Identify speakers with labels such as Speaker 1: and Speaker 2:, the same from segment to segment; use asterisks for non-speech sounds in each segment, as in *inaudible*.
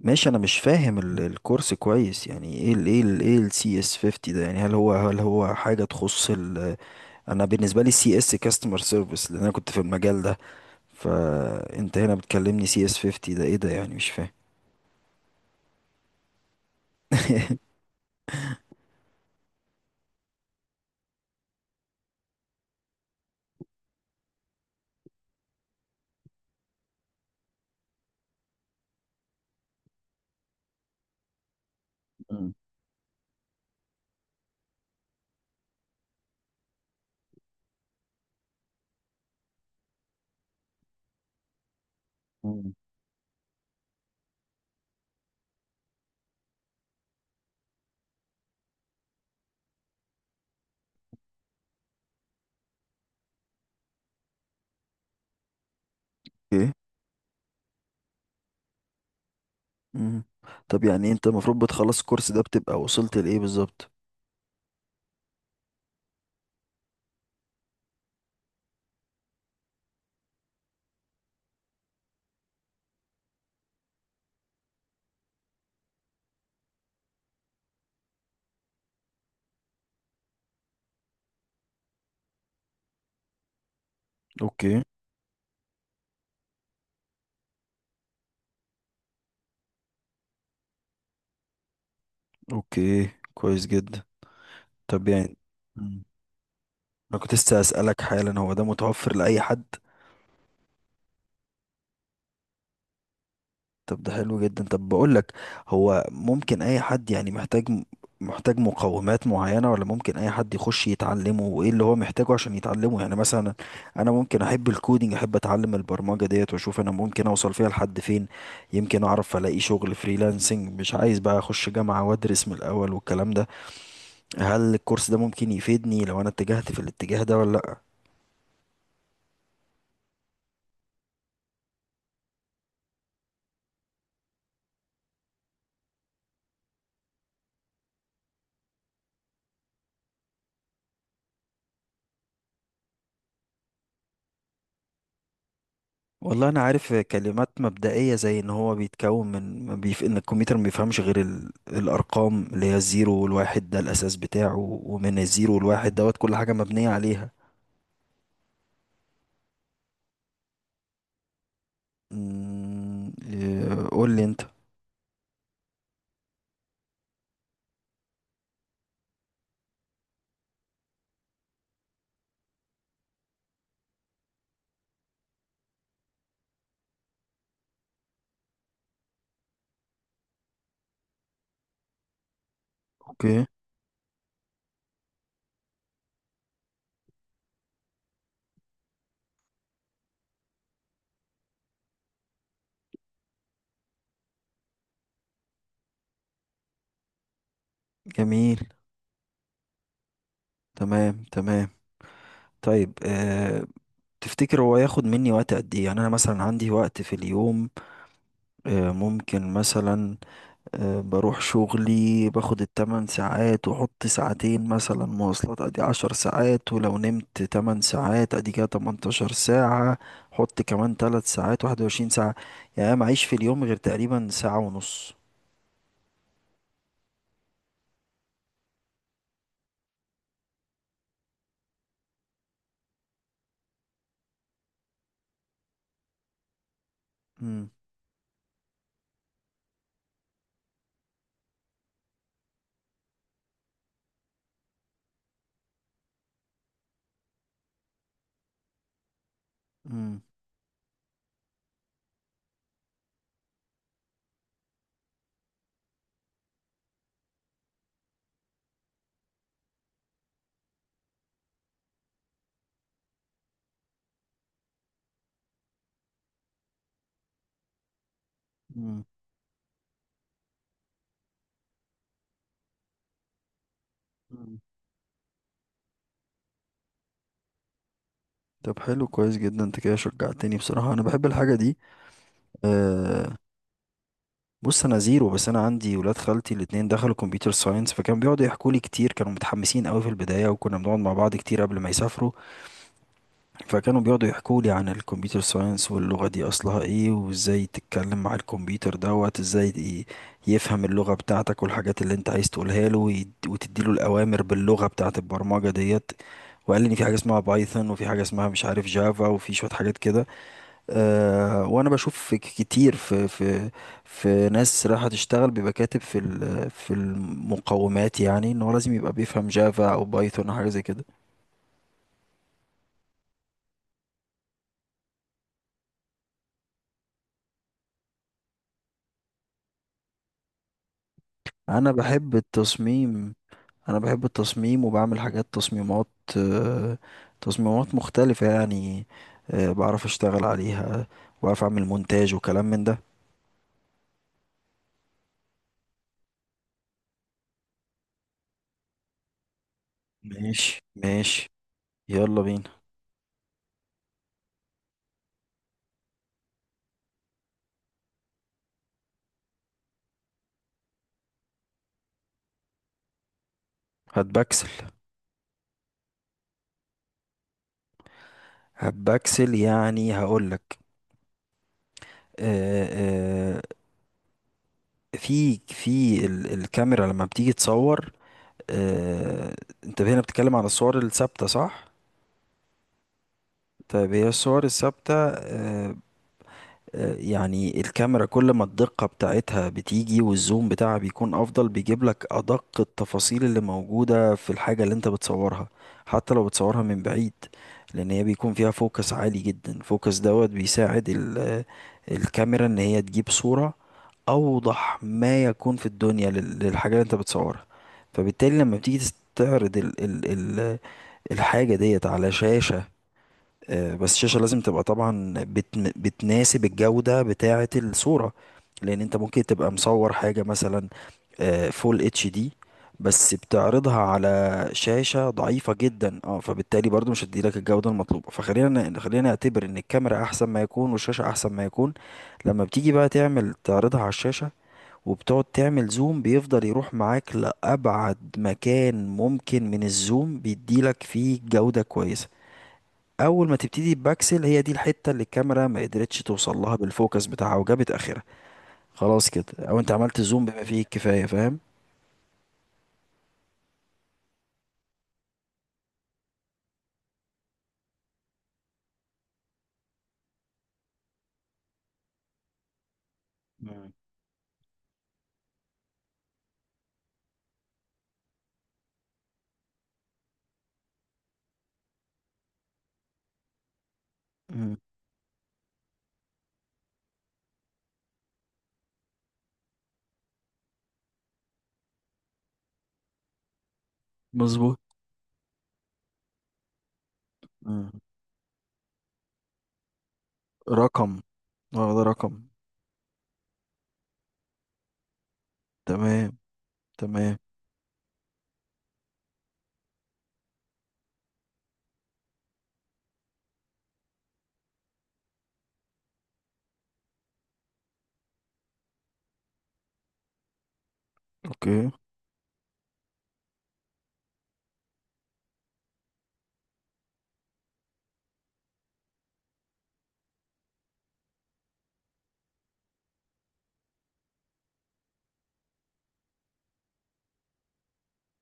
Speaker 1: ماشي. انا مش فاهم الكورس كويس، يعني ايه السي اس 50 ده. يعني هل هو حاجه تخص ال... انا بالنسبه لي، CS كاستمر سيرفيس، لان انا كنت في المجال ده. فانت هنا بتكلمني CS 50 ده ايه ده؟ يعني مش فاهم. *laughs* مم. مم. اوكي. مم. طب يعني انت المفروض بتخلص الكورس ده بتبقى وصلت لايه بالظبط؟ اوكي. اوكي، كويس جدا. طب يعني... مم. انا كنت لسه اسالك حالا، هو ده متوفر لاي حد؟ طب ده حلو جدا. طب بقول لك، هو ممكن اي حد؟ يعني محتاج مقومات معينة، ولا ممكن اي حد يخش يتعلمه؟ وايه اللي هو محتاجه عشان يتعلمه؟ يعني مثلا انا ممكن احب الكودينج، احب اتعلم البرمجة ديت، واشوف انا ممكن اوصل فيها لحد فين. يمكن اعرف الاقي شغل فريلانسنج، مش عايز بقى اخش جامعة وادرس من الاول والكلام ده. هل الكورس ده ممكن يفيدني لو انا اتجهت في الاتجاه ده ولا لا؟ والله انا عارف كلمات مبدئيه، زي ان هو بيتكون من ما بيف... ان الكمبيوتر ما بيفهمش غير الارقام، اللي هي الزيرو والواحد، ده الاساس بتاعه. ومن الزيرو والواحد دوت كل حاجه مبنيه عليها. إيه، قول لي انت. اوكي. جميل. تمام، تمام. طيب. تفتكر هو ياخد مني وقت قد ايه؟ يعني انا مثلا عندي وقت في اليوم. ممكن مثلا. بروح شغلي، باخد ال8 ساعات، وحط ساعتين مثلا مواصلات، ادي 10 ساعات. ولو نمت 8 ساعات، ادي كده 18 ساعة. حط كمان 3 ساعات، 21 ساعة. يعني أنا معيش في اليوم غير تقريبا ساعة ونص. مم. مم. مم. مم. طب حلو، كويس جدا، انت كده شجعتني. بصراحة انا بحب الحاجة دي. أه. بص، انا زيرو. بس انا عندي ولاد خالتي الاتنين دخلوا كمبيوتر ساينس، فكانوا بيقعدوا يحكوا لي كتير. كانوا متحمسين قوي في البداية، وكنا بنقعد مع بعض كتير قبل ما يسافروا. فكانوا بيقعدوا يحكوا لي عن الكمبيوتر ساينس، واللغة دي أصلها إيه، وإزاي تتكلم مع الكمبيوتر دوت إزاي يفهم اللغة بتاعتك والحاجات اللي أنت عايز تقولها له، وتديله الأوامر باللغة بتاعت البرمجة ديت. وقال لي إن في حاجة اسمها بايثون، وفي حاجة اسمها مش عارف جافا، وفي شوية حاجات كده. وأنا بشوف في كتير في ناس رايحة تشتغل، بيبقى كاتب في في المقومات، يعني إن هو لازم يبقى بيفهم جافا أو بايثون أو حاجة زي كده. أنا بحب التصميم انا بحب التصميم وبعمل حاجات، تصميمات. آه. تصميمات مختلفة يعني. بعرف اشتغل عليها، وبعرف اعمل مونتاج وكلام من ده. ماشي، ماشي. يلا بينا. هات بكسل. هات بكسل، يعني هقولك. آه، آه، في الكاميرا لما بتيجي تصور، آه، انت هنا بتتكلم عن الصور الثابتة، صح؟ طيب، هي الصور الثابتة، يعني الكاميرا كل ما الدقة بتاعتها بتيجي والزوم بتاعها بيكون أفضل، بيجيب لك أدق التفاصيل اللي موجودة في الحاجة اللي أنت بتصورها، حتى لو بتصورها من بعيد، لأن هي بيكون فيها فوكس عالي جدا. فوكس دوت بيساعد الكاميرا إن هي تجيب صورة أوضح ما يكون في الدنيا للحاجة اللي أنت بتصورها. فبالتالي لما بتيجي تستعرض ال ال ال الحاجة ديت على شاشة، بس الشاشة لازم تبقى طبعا بتناسب الجودة بتاعة الصورة. لأن أنت ممكن تبقى مصور حاجة مثلا فول HD، بس بتعرضها على شاشة ضعيفة جدا. اه، فبالتالي برضو مش هتدي لك الجودة المطلوبة. فخلينا خلينا نعتبر ان الكاميرا احسن ما يكون والشاشة احسن ما يكون. لما بتيجي بقى تعمل، تعرضها على الشاشة، وبتقعد تعمل زوم، بيفضل يروح معاك لأبعد مكان ممكن من الزوم بيديلك فيه جودة كويسة. اول ما تبتدي بباكسل، هي دي الحته اللي الكاميرا ما قدرتش توصل لها بالفوكس بتاعها وجابت اخرها. خلاص كده، او انت عملت زوم بما فيه الكفايه، فاهم؟ مم. مم. مظبوط. مم. رقم. اه، ده رقم. تمام، تمام. اوكي.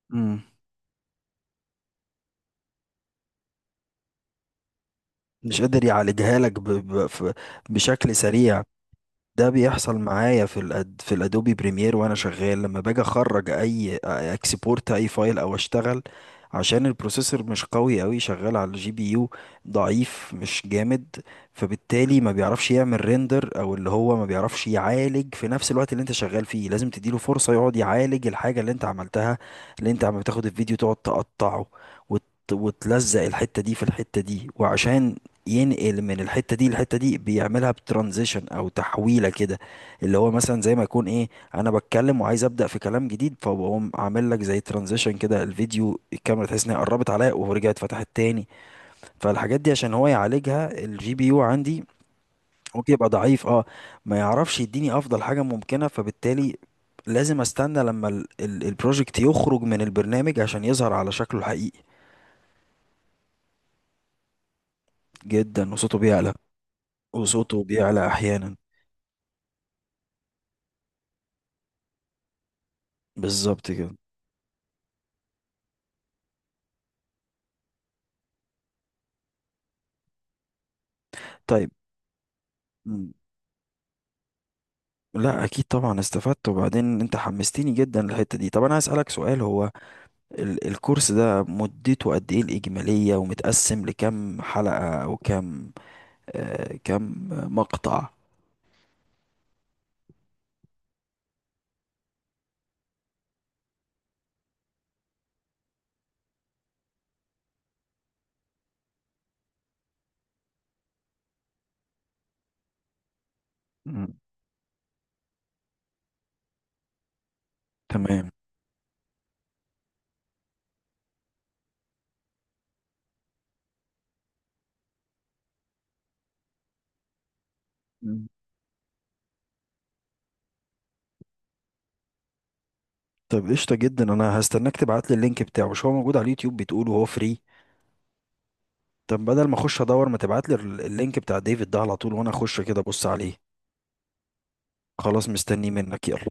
Speaker 1: مم. مش قادر يعالجها لك بشكل سريع. ده بيحصل معايا في في الادوبي بريمير، وانا شغال، لما باجي اخرج اي اكسبورت، اي فايل او اشتغل، عشان البروسيسور مش قوي قوي، شغال على الGPU ضعيف، مش جامد، فبالتالي ما بيعرفش يعمل ريندر، او اللي هو ما بيعرفش يعالج في نفس الوقت اللي انت شغال فيه. لازم تديله فرصة يقعد يعالج الحاجة اللي انت عملتها، اللي انت عم بتاخد الفيديو تقعد تقطعه، وت... وتلزق الحتة دي في الحتة دي، وعشان ينقل من الحتة دي للحتة دي بيعملها بترانزيشن، او تحويلة كده، اللي هو مثلا زي ما يكون، ايه، انا بتكلم وعايز ابدأ في كلام جديد، فبقوم عامل لك زي ترانزيشن كده، الفيديو الكاميرا تحس انها قربت عليا ورجعت فتحت تاني. فالحاجات دي عشان هو يعالجها، الGPU عندي ممكن يبقى ضعيف، اه، ما يعرفش يديني افضل حاجة ممكنة، فبالتالي لازم استنى لما البروجكت يخرج من البرنامج عشان يظهر على شكله الحقيقي. جدا، وصوته بيعلى. وصوته بيعلى احيانا. بالظبط كده. طيب. مم. لا، اكيد طبعا استفدت. وبعدين انت حمستني جدا للحته دي. طب انا هسألك سؤال، هو الكورس ده مدته قد ايه الاجماليه، ومتقسم لكم حلقه او كم كم مقطع؟ مم. تمام. مم. طب قشطه جدا، انا هستناك تبعت لي اللينك بتاعه. مش هو موجود على اليوتيوب بتقول وهو فري؟ طب بدل ما اخش ادور، ما تبعت لي اللينك بتاع ديفيد ده على طول وانا اخش كده ابص عليه. خلاص، مستني منك، يلا.